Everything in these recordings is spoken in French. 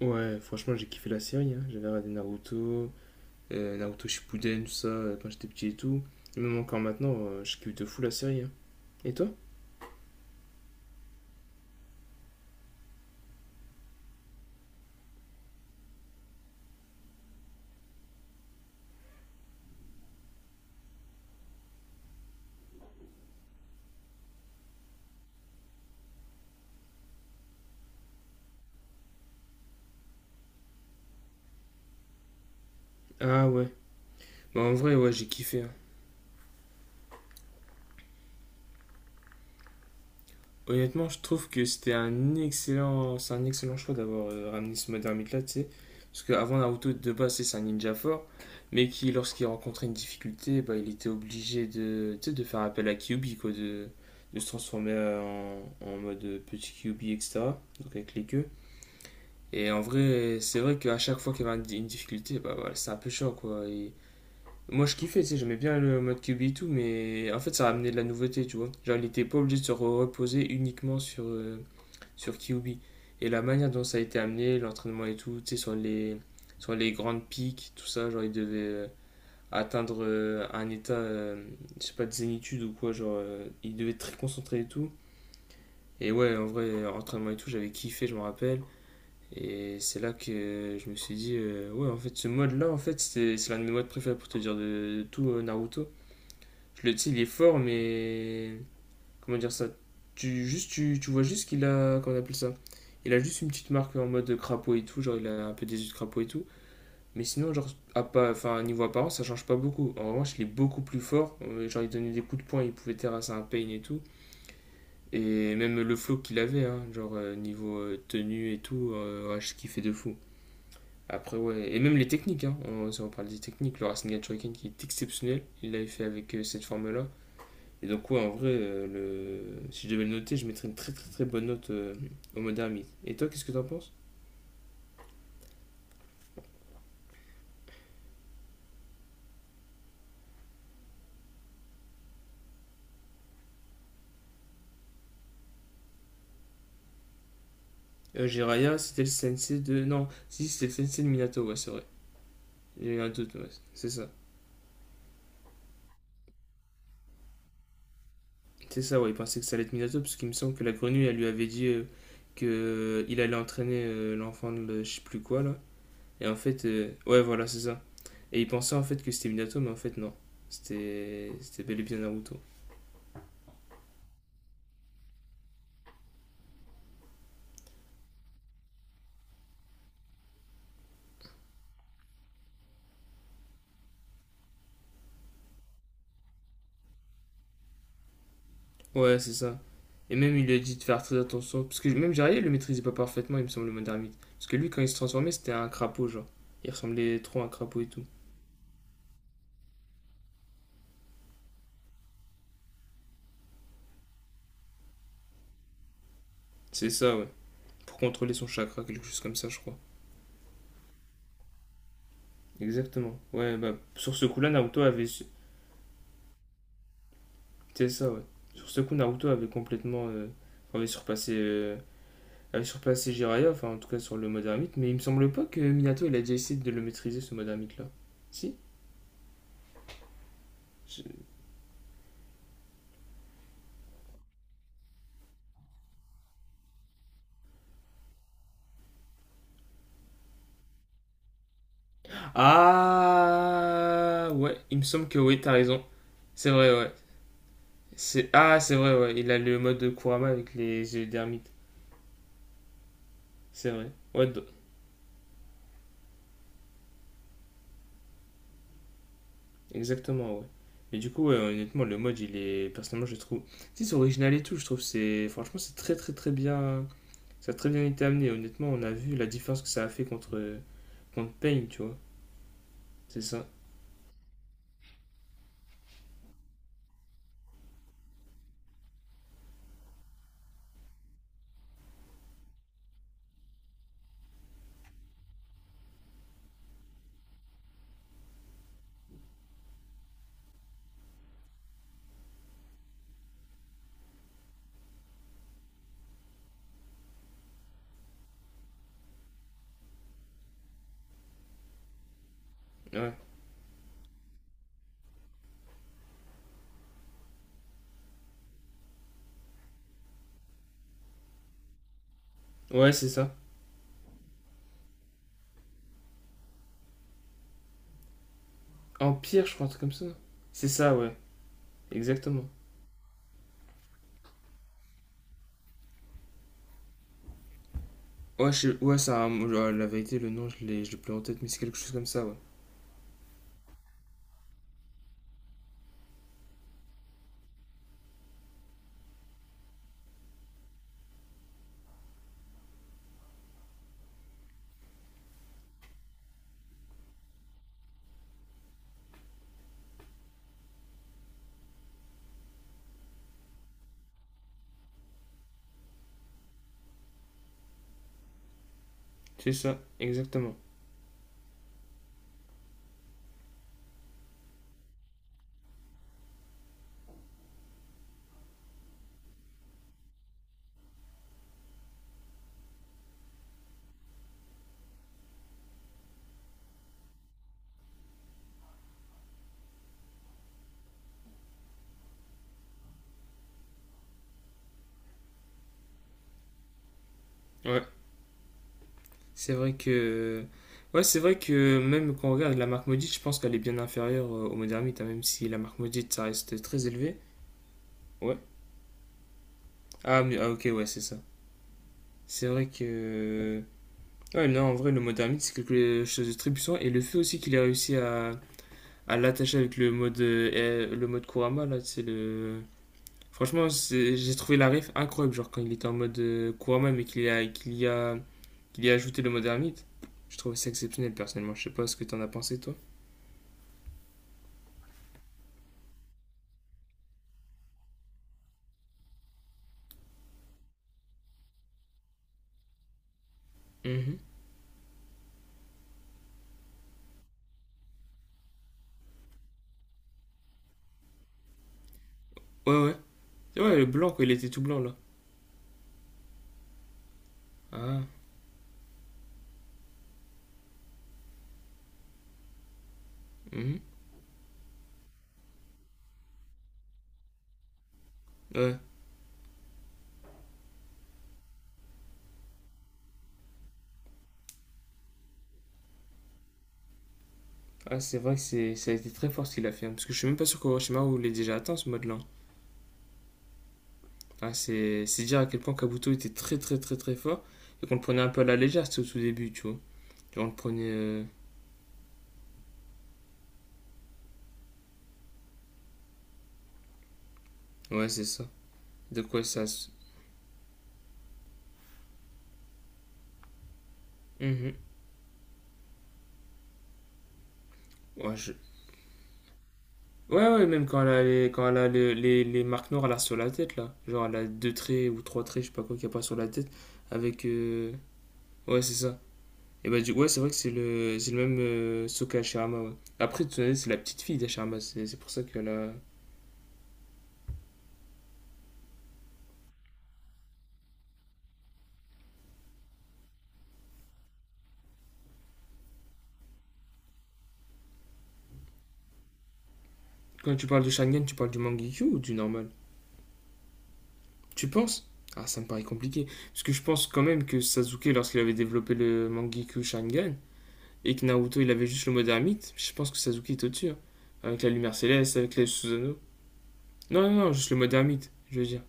Ouais, franchement, j'ai kiffé la série, hein. J'avais regardé Naruto, Naruto Shippuden, tout ça, quand j'étais petit et tout. Et même encore maintenant, je kiffe de fou la série, hein. Et toi? Ah ouais. Bah en vrai, ouais, j'ai kiffé, hein. Honnêtement, je trouve que c'est un excellent choix d'avoir ramené ce mode ermite-là, tu sais. Parce qu'avant Naruto, de base, c'est un ninja fort, mais qui, lorsqu'il rencontrait une difficulté, bah, il était obligé de, tu sais, de, faire appel à Kyuubi, quoi, de se transformer en mode petit Kyuubi, etc. Donc avec les queues. Et en vrai, c'est vrai qu'à chaque fois qu'il y avait une difficulté, bah voilà, c'est un peu chiant quoi. Et moi je kiffais, tu sais, j'aimais bien le mode QB et tout, mais en fait ça ramenait de la nouveauté, tu vois. Genre, il était pas obligé de se reposer uniquement sur QB. Et la manière dont ça a été amené, l'entraînement et tout, tu sais, sur les grandes pics, tout ça, genre, il devait atteindre un état, je sais pas, de zénitude ou quoi, genre, il devait être très concentré et tout. Et ouais, en vrai, entraînement et tout, j'avais kiffé, je me rappelle. Et c'est là que je me suis dit, ouais, en fait, ce mode-là, en fait, c'est l'un de mes modes préférés pour te dire de tout Naruto. Tu sais, il est fort, mais comment dire ça? Tu vois juste qu'il a, comment on appelle ça? Il a juste une petite marque en mode crapaud et tout, genre il a un peu des yeux de crapaud et tout. Mais sinon, genre, à pas, enfin, niveau apparence, ça change pas beaucoup. En revanche, il est beaucoup plus fort. Genre, il donnait des coups de poing, il pouvait terrasser un pain et tout. Et même le flow qu'il avait, hein, genre, niveau tenue et tout, ouais, je kiffais de fou. Après, ouais, et même les techniques, hein, on, si on parle des techniques, le Rasengan Shuriken qui est exceptionnel, il l'avait fait avec cette forme-là. Et donc, ouais, en vrai, si je devais le noter, je mettrais une très très très bonne note au Modern Myth. Et toi, qu'est-ce que t'en penses? Jiraiya, c'était le sensei de. Non, si, c'était le sensei de Minato, ouais, c'est vrai. J'ai eu un doute, ouais, c'est ça. C'est ça, ouais, il pensait que ça allait être Minato, parce qu'il me semble que la grenouille, elle lui avait dit que qu'il allait entraîner l'enfant de je sais plus quoi, là. Et en fait, ouais, voilà, c'est ça. Et il pensait en fait que c'était Minato, mais en fait, non. C'était bel et bien Naruto. Ouais, c'est ça. Et même, il lui a dit de faire très attention. Parce que même Jiraiya il le maîtrisait pas parfaitement, il me semble, le mode ermite. Parce que lui, quand il se transformait, c'était un crapaud, genre. Il ressemblait trop à un crapaud et tout. C'est ça, ouais. Pour contrôler son chakra, quelque chose comme ça, je crois. Exactement. Ouais, bah, sur ce coup-là, Naruto avait. C'est ça, ouais. Sur ce coup, Naruto avait complètement. Avait surpassé à surpasser Jiraiya, enfin en tout cas sur le mode ermite, mais il me semble pas que Minato il a déjà essayé de le maîtriser ce mode ermite là. Si. Je- Ah ouais, il me semble que oui, t'as raison. C'est vrai, ouais. C'est Ah, c'est vrai, ouais, il a le mode de Kurama avec les yeux d'ermite. C'est vrai. Ouais, exactement, ouais. Mais du coup, ouais, honnêtement, le mode, il est. Personnellement, je trouve. Tu sais, c'est original et tout, je trouve. C'est. Franchement, c'est très, très, très bien. Ça a très bien été amené. Honnêtement, on a vu la différence que ça a fait contre. Contre Pain, tu vois. C'est ça. Ouais. Ouais, c'est ça. Empire, je crois, un truc comme ça. C'est ça, ouais, exactement. Ouais, ouais, ça, a la vérité, le nom, je l'ai plus en tête, mais c'est quelque chose comme ça, ouais. C'est ça, exactement. Ouais, c'est vrai que. Ouais, c'est vrai que même quand on regarde la marque maudite, je pense qu'elle est bien inférieure au Modernite, hein, même si la marque maudite, ça reste très élevé. Ouais. Ah, ah, ok, ouais, c'est ça. C'est vrai que. Ouais, non, en vrai, le Modernite, c'est quelque chose de très puissant, et le fait aussi qu'il ait réussi à l'attacher avec le mode Kurama, là, c'est le. Franchement, j'ai trouvé la ref incroyable, genre quand il était en mode Kurama, mais qu'il y a, qu'il y a, qu'il y a ajouté le mode ermite. Je trouve ça exceptionnel, personnellement. Je sais pas ce que t'en as pensé, toi. Mhm. Ouais, ouais. Ouais, le blanc, quoi, il était tout blanc, là. Ah, mhm. Ouais. Ah, c'est vrai que c'est, ça a été très fort ce qu'il a fait, hein, parce que je suis même pas sûr qu'Orochimaru l'ait déjà atteint, ce mode-là. Ah, c'est dire à quel point Kabuto était très, très, très, très fort, et qu'on le prenait un peu à la légère, c'était au tout début, tu vois. Genre, on le prenait. Ouais, c'est ça. De quoi ça. Mhm. Ouais, je, Ouais, ouais, même quand elle a quand elle a les marques noires là sur la tête, là. Genre, elle a deux traits ou trois traits, je sais pas quoi, qu'il n'y a pas sur la tête. Avec. Ouais, c'est ça. Et bah, ouais, c'est vrai que c'est le même Sokka Hashirama, ouais. Après, tu sais, c'est la petite fille d'Hashirama, c'est pour ça qu'elle a. Quand tu parles de Sharingan, tu parles du Mangekyo ou du normal? Tu penses? Ah, ça me paraît compliqué. Parce que je pense quand même que Sasuke, lorsqu'il avait développé le Mangekyo Sharingan, et que Naruto, il avait juste le mode ermite, je pense que Sasuke est au-dessus, hein. Avec la lumière céleste, avec les Susanoo. Non, non, non, juste le mode ermite, je veux dire.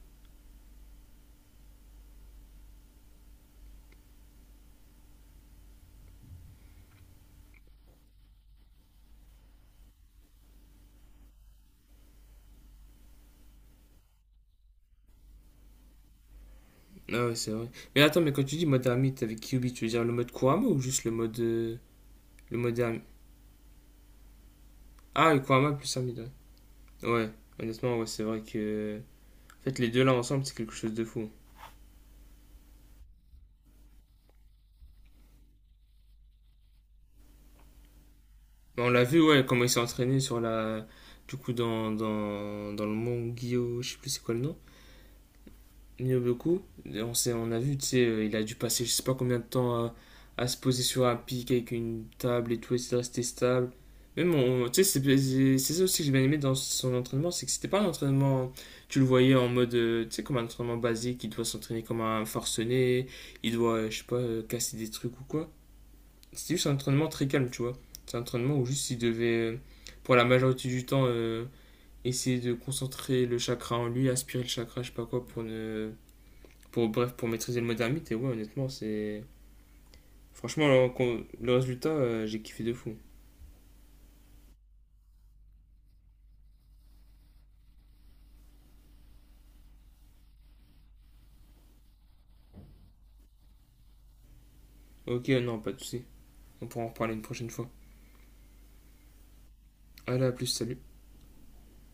Ah ouais, c'est vrai. Mais attends, mais quand tu dis mode ermite avec Kyubi, tu veux dire le mode Kurama ou juste le mode ermite. Ah, le Kurama plus ermite, ouais. Ouais, honnêtement, ouais, c'est vrai que. En fait, les deux là ensemble, c'est quelque chose de fou. Mais on l'a vu, ouais, comment il s'est entraîné sur la. Du coup, dans le Mont Guillaume, je sais plus c'est quoi le nom. Nyoboku, on sait, on a vu, tu sais, il a dû passer je sais pas combien de temps à se poser sur un pic avec une table et tout, et de resté stable. Même, tu sais, c'est ça aussi que j'ai bien aimé dans son entraînement, c'est que c'était pas un entraînement, tu le voyais en mode, tu sais, comme un entraînement basique, il doit s'entraîner comme un forcené, il doit, je sais pas, casser des trucs ou quoi. C'était juste un entraînement très calme, tu vois. C'est un entraînement où juste il devait, pour la majorité du temps, essayer de concentrer le chakra en lui, aspirer le chakra, je sais pas quoi, pour ne pour, bref, pour maîtriser le modernite. Et ouais, honnêtement, c'est. Franchement, le résultat, j'ai kiffé de fou. Ok, non, pas de soucis. On pourra en reparler une prochaine fois. Allez, à plus, salut.